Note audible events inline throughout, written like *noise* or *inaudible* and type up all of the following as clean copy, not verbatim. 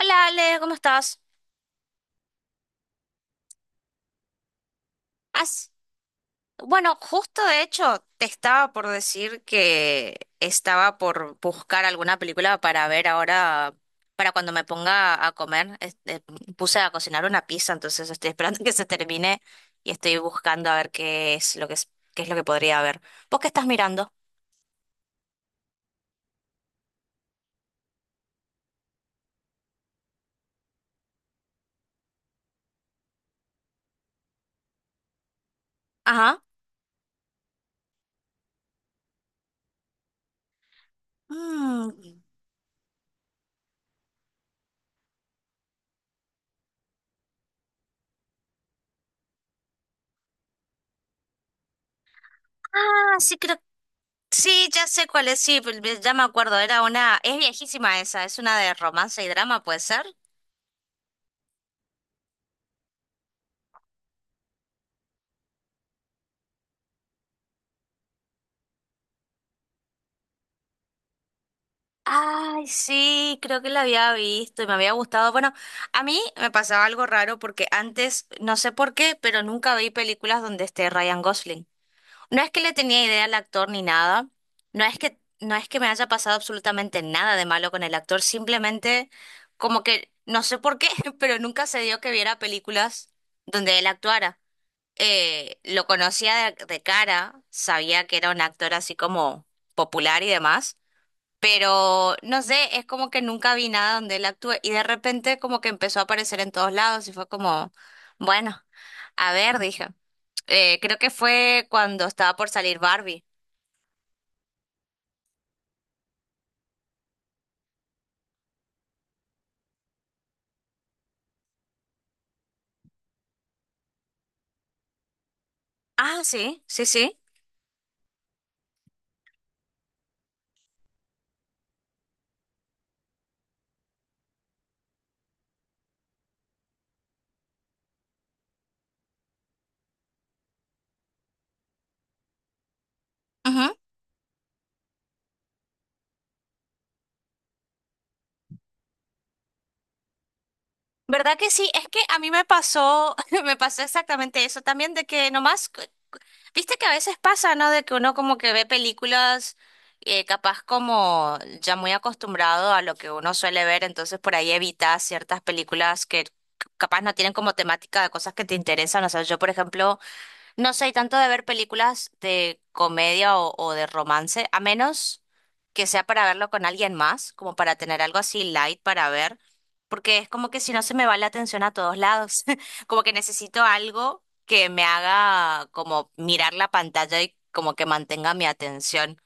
Hola Ale, ¿cómo estás? As- Bueno, justo de hecho te estaba por decir que estaba por buscar alguna película para ver ahora, para cuando me ponga a comer. Puse a cocinar una pizza, entonces estoy esperando *laughs* que se termine y estoy buscando a ver qué es lo que es, qué es lo que podría ver. ¿Vos qué estás mirando? Ajá. Mm. Ah, sí, creo. Sí, ya sé cuál es, sí, ya me acuerdo, era una, es viejísima esa, es una de romance y drama, ¿puede ser? Ay, sí, creo que la había visto y me había gustado. Bueno, a mí me pasaba algo raro porque antes, no sé por qué, pero nunca vi películas donde esté Ryan Gosling. No es que le tenía idea al actor ni nada, no es que me haya pasado absolutamente nada de malo con el actor, simplemente como que no sé por qué, *laughs* pero nunca se dio que viera películas donde él actuara. Lo conocía de cara, sabía que era un actor así como popular y demás, pero no sé, es como que nunca vi nada donde él actúe y de repente como que empezó a aparecer en todos lados y fue como, bueno, a ver, dije. Creo que fue cuando estaba por salir Barbie. Ah, sí, sí, sí. Ujú. ¿Verdad que sí? Es que a mí me pasó, *laughs* me pasó exactamente eso también, de que nomás. Viste que a veces pasa, ¿no? De que uno como que ve películas, capaz como ya muy acostumbrado a lo que uno suele ver, entonces por ahí evitas ciertas películas que capaz no tienen como temática de cosas que te interesan. O sea, yo por ejemplo... No soy tanto de ver películas de comedia o de romance, a menos que sea para verlo con alguien más, como para tener algo así light para ver, porque es como que si no se me va la atención a todos lados, *laughs* como que necesito algo que me haga como mirar la pantalla y como que mantenga mi atención.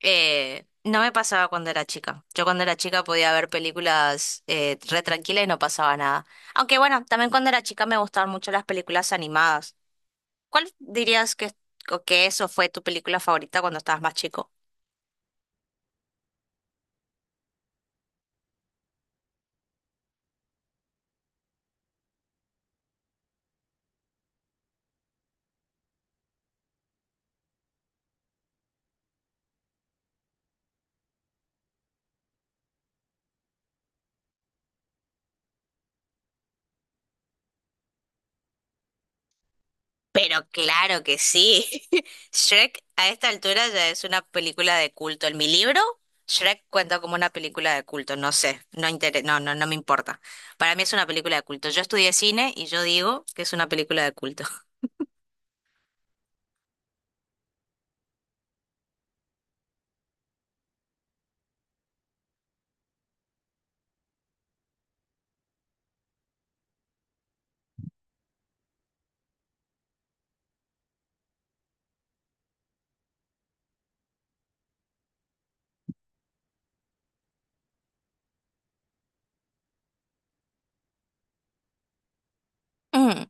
No me pasaba cuando era chica. Yo cuando era chica podía ver películas, re tranquila y no pasaba nada. Aunque bueno, también cuando era chica me gustaban mucho las películas animadas. ¿Cuál dirías que, o que eso fue tu película favorita cuando estabas más chico? Pero claro que sí. *laughs* Shrek a esta altura ya es una película de culto. En mi libro, Shrek cuenta como una película de culto. No sé, no, no, no me importa. Para mí es una película de culto. Yo estudié cine y yo digo que es una película de culto. *laughs* Mm,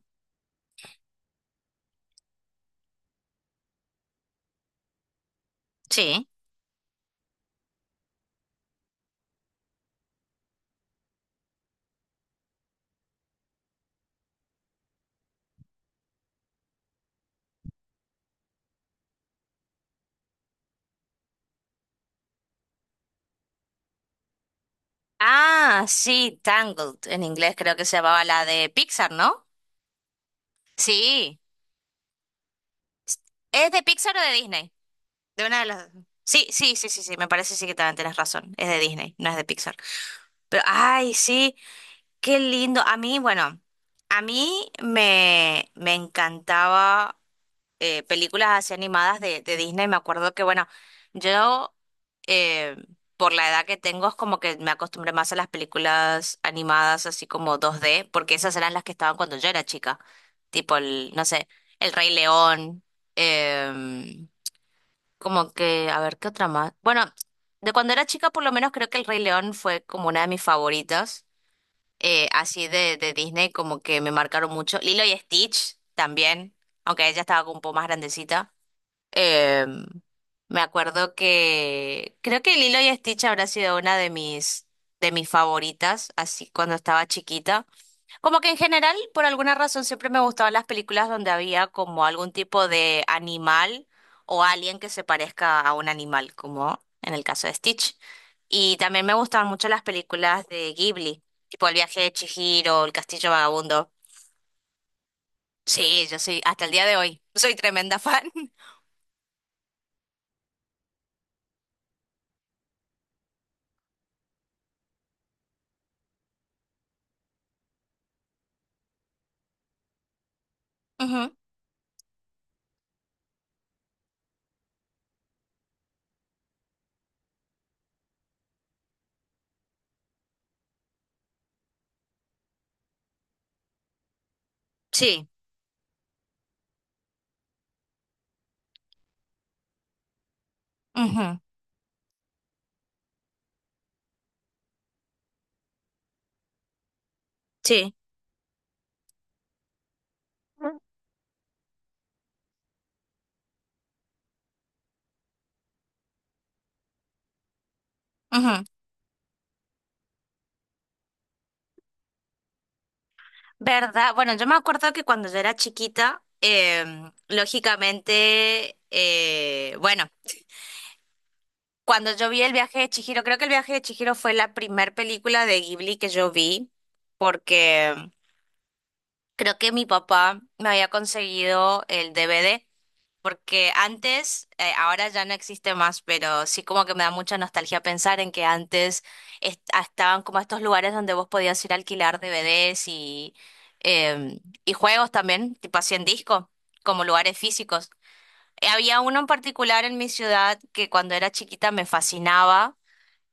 sí. Ah, sí, Tangled. En inglés creo que se llamaba la de Pixar, ¿no? Sí. ¿Es de Pixar o de Disney? De una de las... Sí, sí, sí, sí, sí, me parece sí que también tenés razón. Es de Disney, no es de Pixar. Pero, ay, sí, qué lindo. A mí, bueno, a mí me, me encantaba, películas así animadas de Disney. Me acuerdo que, bueno, yo, eh, por la edad que tengo, es como que me acostumbré más a las películas animadas así como dos d porque esas eran las que estaban cuando yo era chica. Tipo el, no sé, El Rey León. em, Como que, a ver, ¿qué otra más? Bueno, de cuando era chica, por lo menos creo que El Rey León fue como una de mis favoritas. Así de Disney, como que me marcaron mucho. Lilo y Stitch también, aunque ella estaba como un poco más grandecita. Em, Me acuerdo que creo que Lilo y Stitch habrá sido una de mis favoritas, así cuando estaba chiquita. Como que en general, por alguna razón, siempre me gustaban las películas donde había como algún tipo de animal o alguien que se parezca a un animal, como en el caso de Stitch. Y también me gustaban mucho las películas de Ghibli, tipo El viaje de Chihiro, El castillo vagabundo. Sí, yo soy, hasta el día de hoy, *laughs* soy tremenda fan. *laughs* Ujú, sí, ujú, sí. Ujú. ¿Verdad? Bueno, yo me acuerdo que cuando yo era chiquita, lógicamente, bueno. Cuando yo vi el viaje de Chihiro, creo que el viaje de Chihiro fue la primer película de Ghibli que yo vi, porque creo que mi papá me había conseguido el DVD, porque antes, ahora ya no existe más, pero sí como que me da mucha nostalgia pensar en que antes estaban como estos lugares donde vos podías ir a alquilar DVDs y, em, y juegos también, tipo así en disco, como lugares físicos. Había uno en particular en mi ciudad que cuando era chiquita me fascinaba,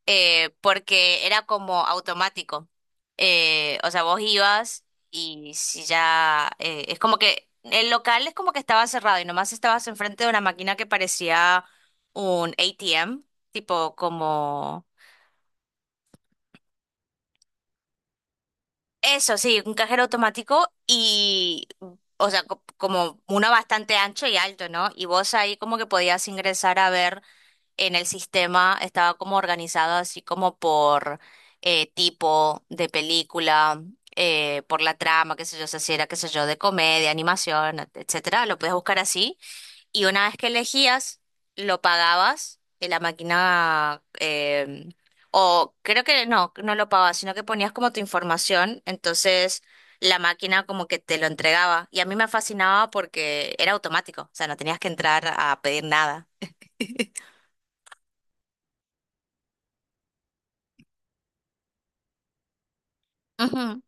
porque era como automático. O sea, vos ibas y si ya... es como que el local es como que estaba cerrado y nomás estabas enfrente de una máquina que parecía un ATM, tipo como... Eso, sí, un cajero automático y... O sea, como uno bastante ancho y alto, ¿no? Y vos ahí como que podías ingresar a ver, en el sistema estaba como organizado así como por, tipo de película, por la trama, qué sé yo, o sea, si era, qué sé yo, de comedia, animación, etcétera, lo podías buscar así. Y una vez que elegías, lo pagabas en la máquina, o creo que no, no lo pagabas, sino que ponías como tu información, entonces la máquina como que te lo entregaba. Y a mí me fascinaba porque era automático, o sea, no tenías que entrar a pedir nada. Ujú,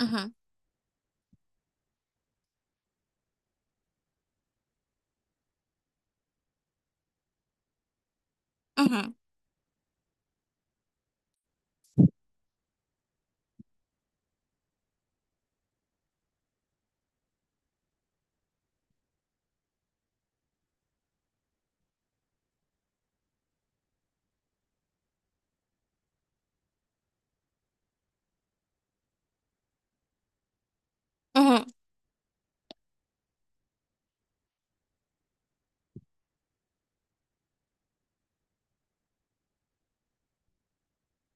ujú. Ujú, ujú.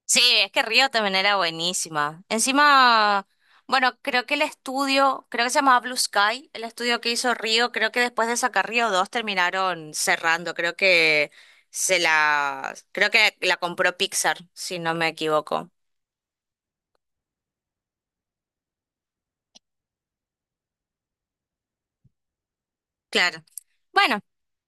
Sí, es que Río también era buenísima. Encima, bueno, creo que el estudio, creo que se llamaba Blue Sky, el estudio que hizo Río, creo que después de sacar Río 2 terminaron cerrando, creo que se la, creo que la compró Pixar, si no me equivoco. Claro. Bueno.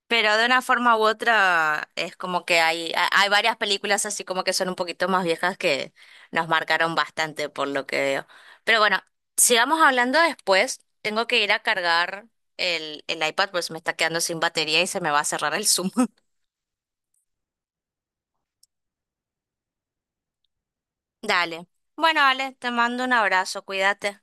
Pero de una forma u otra es como que hay, hay varias películas así como que son un poquito más viejas que nos marcaron bastante por lo que veo. Pero bueno, sigamos hablando después. Tengo que ir a cargar el iPad, pues me está quedando sin batería y se me va a cerrar el Zoom. *laughs* Dale. Bueno, Ale, te mando un abrazo, cuídate.